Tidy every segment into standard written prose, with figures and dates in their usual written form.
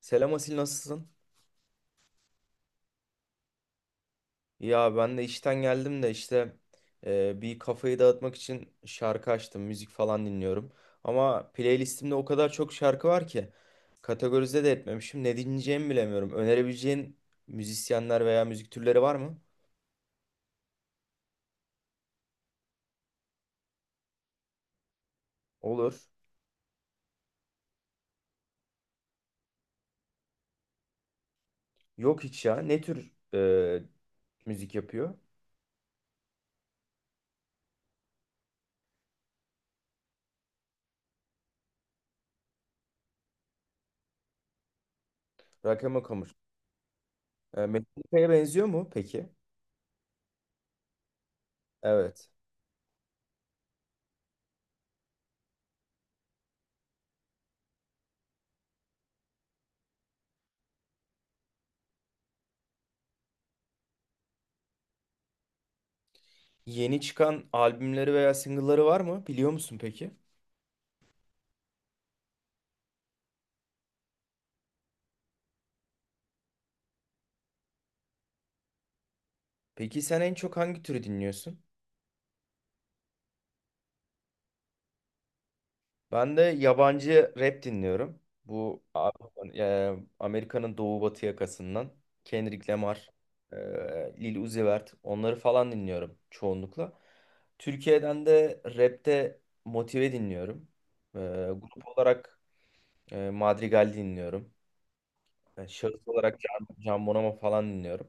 Selam Asil, nasılsın? Ya ben de işten geldim de işte, bir kafayı dağıtmak için şarkı açtım, müzik falan dinliyorum. Ama playlistimde o kadar çok şarkı var ki kategorize de etmemişim. Ne dinleyeceğimi bilemiyorum. Önerebileceğin müzisyenler veya müzik türleri var mı? Olur. Yok hiç ya. Ne tür müzik yapıyor? Rakama Kamış. Metallica'ya benziyor mu peki? Evet. Yeni çıkan albümleri veya single'ları var mı? Biliyor musun peki? Peki sen en çok hangi türü dinliyorsun? Ben de yabancı rap dinliyorum. E, Amerika'nın doğu batı yakasından Kendrick Lamar, e, Lil Uzi Vert, onları falan dinliyorum çoğunlukla. Türkiye'den de rapte Motive dinliyorum. E, Grup olarak Madrigal dinliyorum. Şahıs olarak Can, Can Bonomo falan dinliyorum.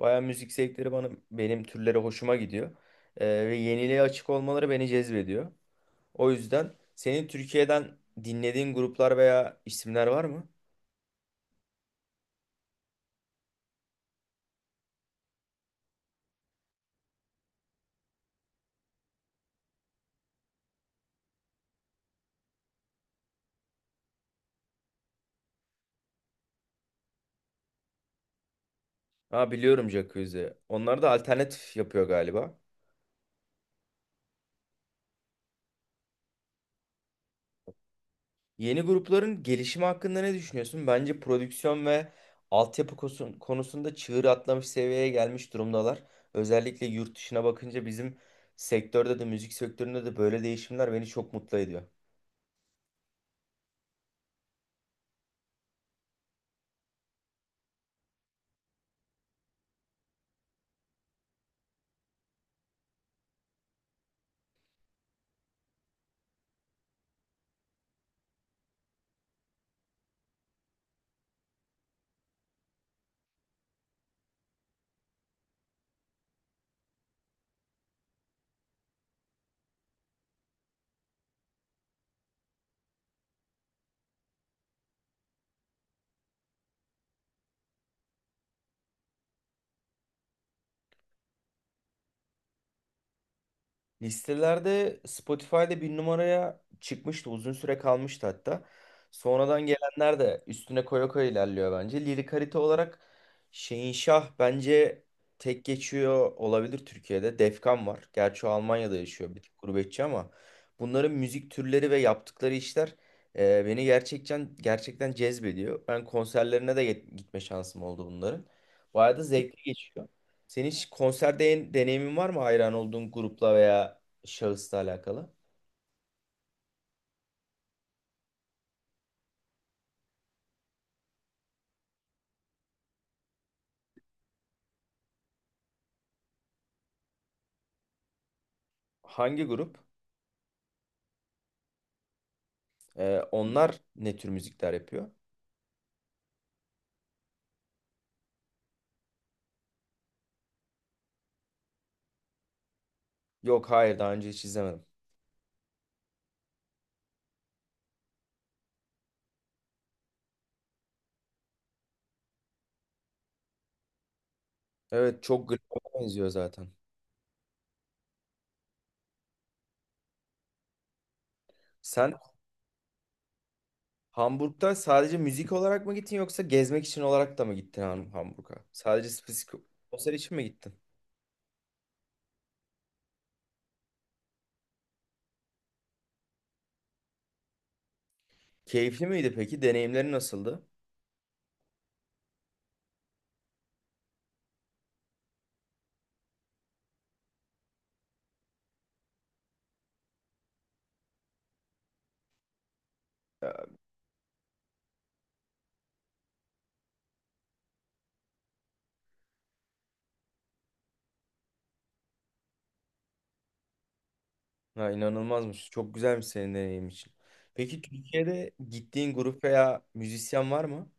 Baya müzik zevkleri bana, benim türleri hoşuma gidiyor. Ve yeniliğe açık olmaları beni cezbediyor. O yüzden senin Türkiye'den dinlediğin gruplar veya isimler var mı? Ha, biliyorum Jacuzzi. Onlar da alternatif yapıyor galiba. Yeni grupların gelişimi hakkında ne düşünüyorsun? Bence prodüksiyon ve altyapı konusunda çığır atlamış, seviyeye gelmiş durumdalar. Özellikle yurt dışına bakınca bizim sektörde de, müzik sektöründe de böyle değişimler beni çok mutlu ediyor. Listelerde Spotify'da bir numaraya çıkmıştı. Uzun süre kalmıştı hatta. Sonradan gelenler de üstüne koya koya ilerliyor bence. Lirik harita olarak Şehinşah bence tek geçiyor olabilir Türkiye'de. Defkan var. Gerçi o Almanya'da yaşıyor, bir tık gurbetçi, ama bunların müzik türleri ve yaptıkları işler beni gerçekten gerçekten cezbediyor. Ben konserlerine de gitme şansım oldu bunların. Bayağı da zevkli geçiyor. Senin hiç konser deneyimin var mı hayran olduğun grupla veya şahısla alakalı? Hangi grup? Onlar ne tür müzikler yapıyor? Yok, hayır, daha önce hiç izlemedim. Evet, çok glam'a benziyor zaten. Sen Hamburg'da sadece müzik olarak mı gittin, yoksa gezmek için olarak da mı gittin Hamburg'a? Sadece spesifik konser için mi gittin? Keyifli miydi peki? Deneyimleri nasıldı? Ha, inanılmazmış. Çok güzelmiş senin deneyim için. Peki Türkiye'de gittiğin grup veya müzisyen var mı?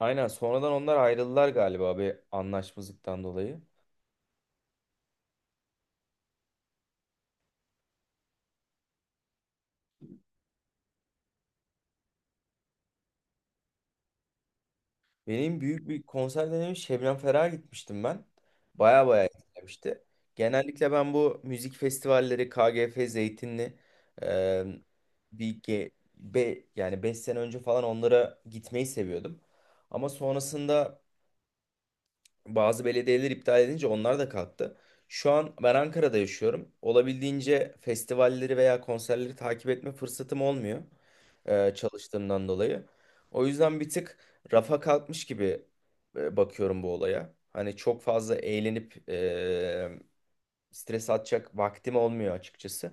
Aynen, sonradan onlar ayrıldılar galiba bir anlaşmazlıktan dolayı. Benim büyük bir konser deneyimim, Şebnem Ferah'a gitmiştim ben. Baya baya etkilemişti. Genellikle ben bu müzik festivalleri, KGF, Zeytinli, e, bir yani 5 sene önce falan, onlara gitmeyi seviyordum. Ama sonrasında bazı belediyeler iptal edince onlar da kalktı. Şu an ben Ankara'da yaşıyorum. Olabildiğince festivalleri veya konserleri takip etme fırsatım olmuyor, çalıştığımdan dolayı. O yüzden bir tık rafa kalkmış gibi bakıyorum bu olaya. Hani çok fazla eğlenip stres atacak vaktim olmuyor açıkçası.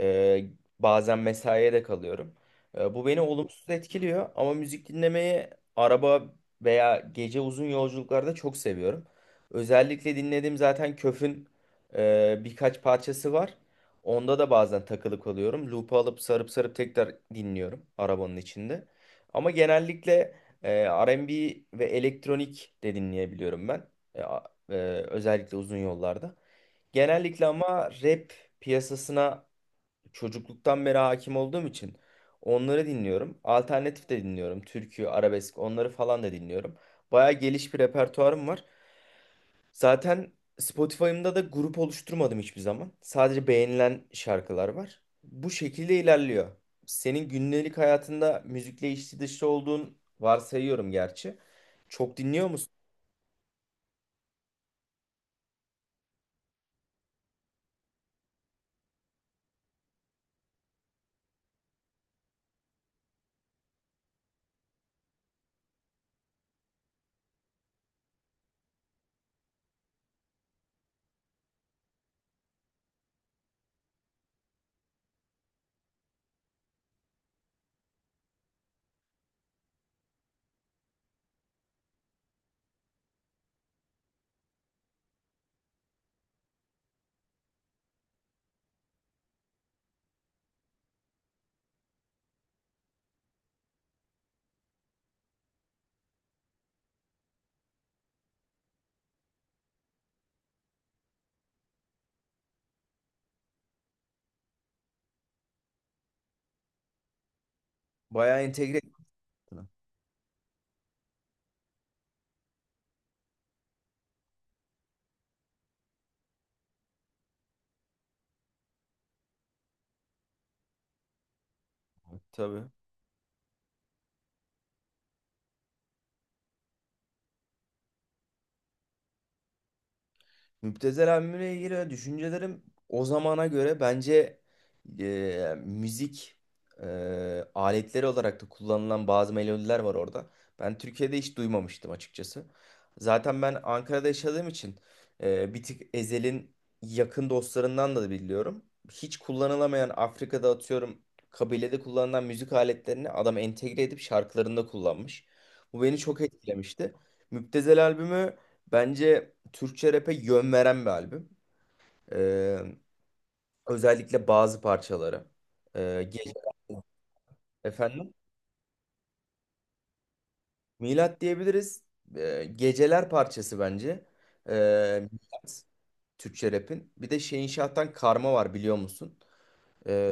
Ee, Bazen mesaiye de kalıyorum. Bu beni olumsuz etkiliyor, ama müzik dinlemeyi araba veya gece uzun yolculuklarda çok seviyorum. Özellikle dinlediğim zaten Köf'ün birkaç parçası var. Onda da bazen takılı kalıyorum. Loop'u alıp sarıp sarıp tekrar dinliyorum arabanın içinde. Ama genellikle R&B ve elektronik de dinleyebiliyorum ben. E, a- e, Özellikle uzun yollarda. Genellikle ama rap piyasasına çocukluktan beri hakim olduğum için onları dinliyorum. Alternatif de dinliyorum. Türkü, arabesk, onları falan da dinliyorum. Baya geliş bir repertuarım var. Zaten Spotify'ımda da grup oluşturmadım hiçbir zaman. Sadece beğenilen şarkılar var. Bu şekilde ilerliyor. Senin günlük hayatında müzikle içli dışlı olduğun varsayıyorum gerçi. Çok dinliyor musun? Bayağı entegre. Tabii. Müptezel albümüne ilgili düşüncelerim, o zamana göre bence müzik e, aletleri olarak da kullanılan bazı melodiler var orada. Ben Türkiye'de hiç duymamıştım açıkçası. Zaten ben Ankara'da yaşadığım için bir tık Ezel'in yakın dostlarından da biliyorum. Hiç kullanılamayan, Afrika'da atıyorum kabilede kullanılan müzik aletlerini adam entegre edip şarkılarında kullanmış. Bu beni çok etkilemişti. Müptezel albümü bence Türkçe rap'e yön veren bir albüm. Ee, Özellikle bazı parçaları. Gece... Efendim? Milat diyebiliriz. Geceler parçası bence. Milat, Türkçe rap'in. Bir de Şehinşah'tan Karma var, biliyor musun? Ee,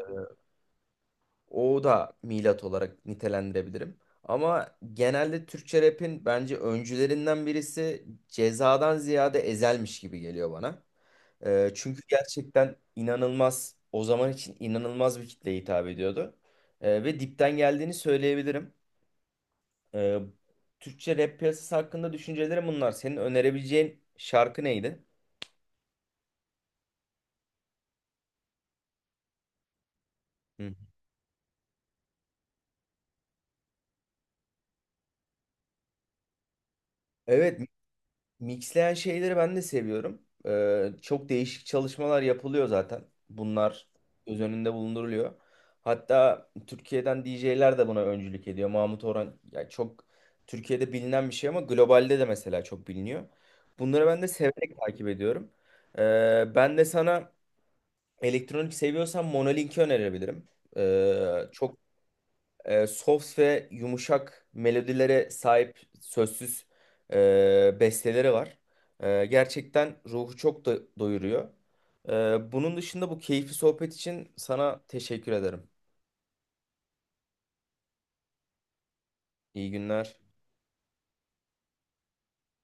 O da Milat olarak nitelendirebilirim. Ama genelde Türkçe rap'in bence öncülerinden birisi Ceza'dan ziyade Ezel'miş gibi geliyor bana. Çünkü gerçekten inanılmaz, o zaman için inanılmaz bir kitleye hitap ediyordu. Ve dipten geldiğini söyleyebilirim. Ee, Türkçe rap piyasası hakkında düşüncelerim bunlar. Senin önerebileceğin şarkı neydi? Hı. Evet, Mixleyen şeyleri ben de seviyorum. Çok değişik çalışmalar yapılıyor zaten. Bunlar göz önünde bulunduruluyor. Hatta Türkiye'den DJ'ler de buna öncülük ediyor. Mahmut Orhan ya, çok Türkiye'de bilinen bir şey, ama globalde de mesela çok biliniyor. Bunları ben de severek takip ediyorum. Ben de sana, elektronik seviyorsan, Monolink'i önerebilirim. Çok soft ve yumuşak melodilere sahip sözsüz besteleri var. Gerçekten ruhu çok da doyuruyor. Bunun dışında bu keyifli sohbet için sana teşekkür ederim. İyi günler.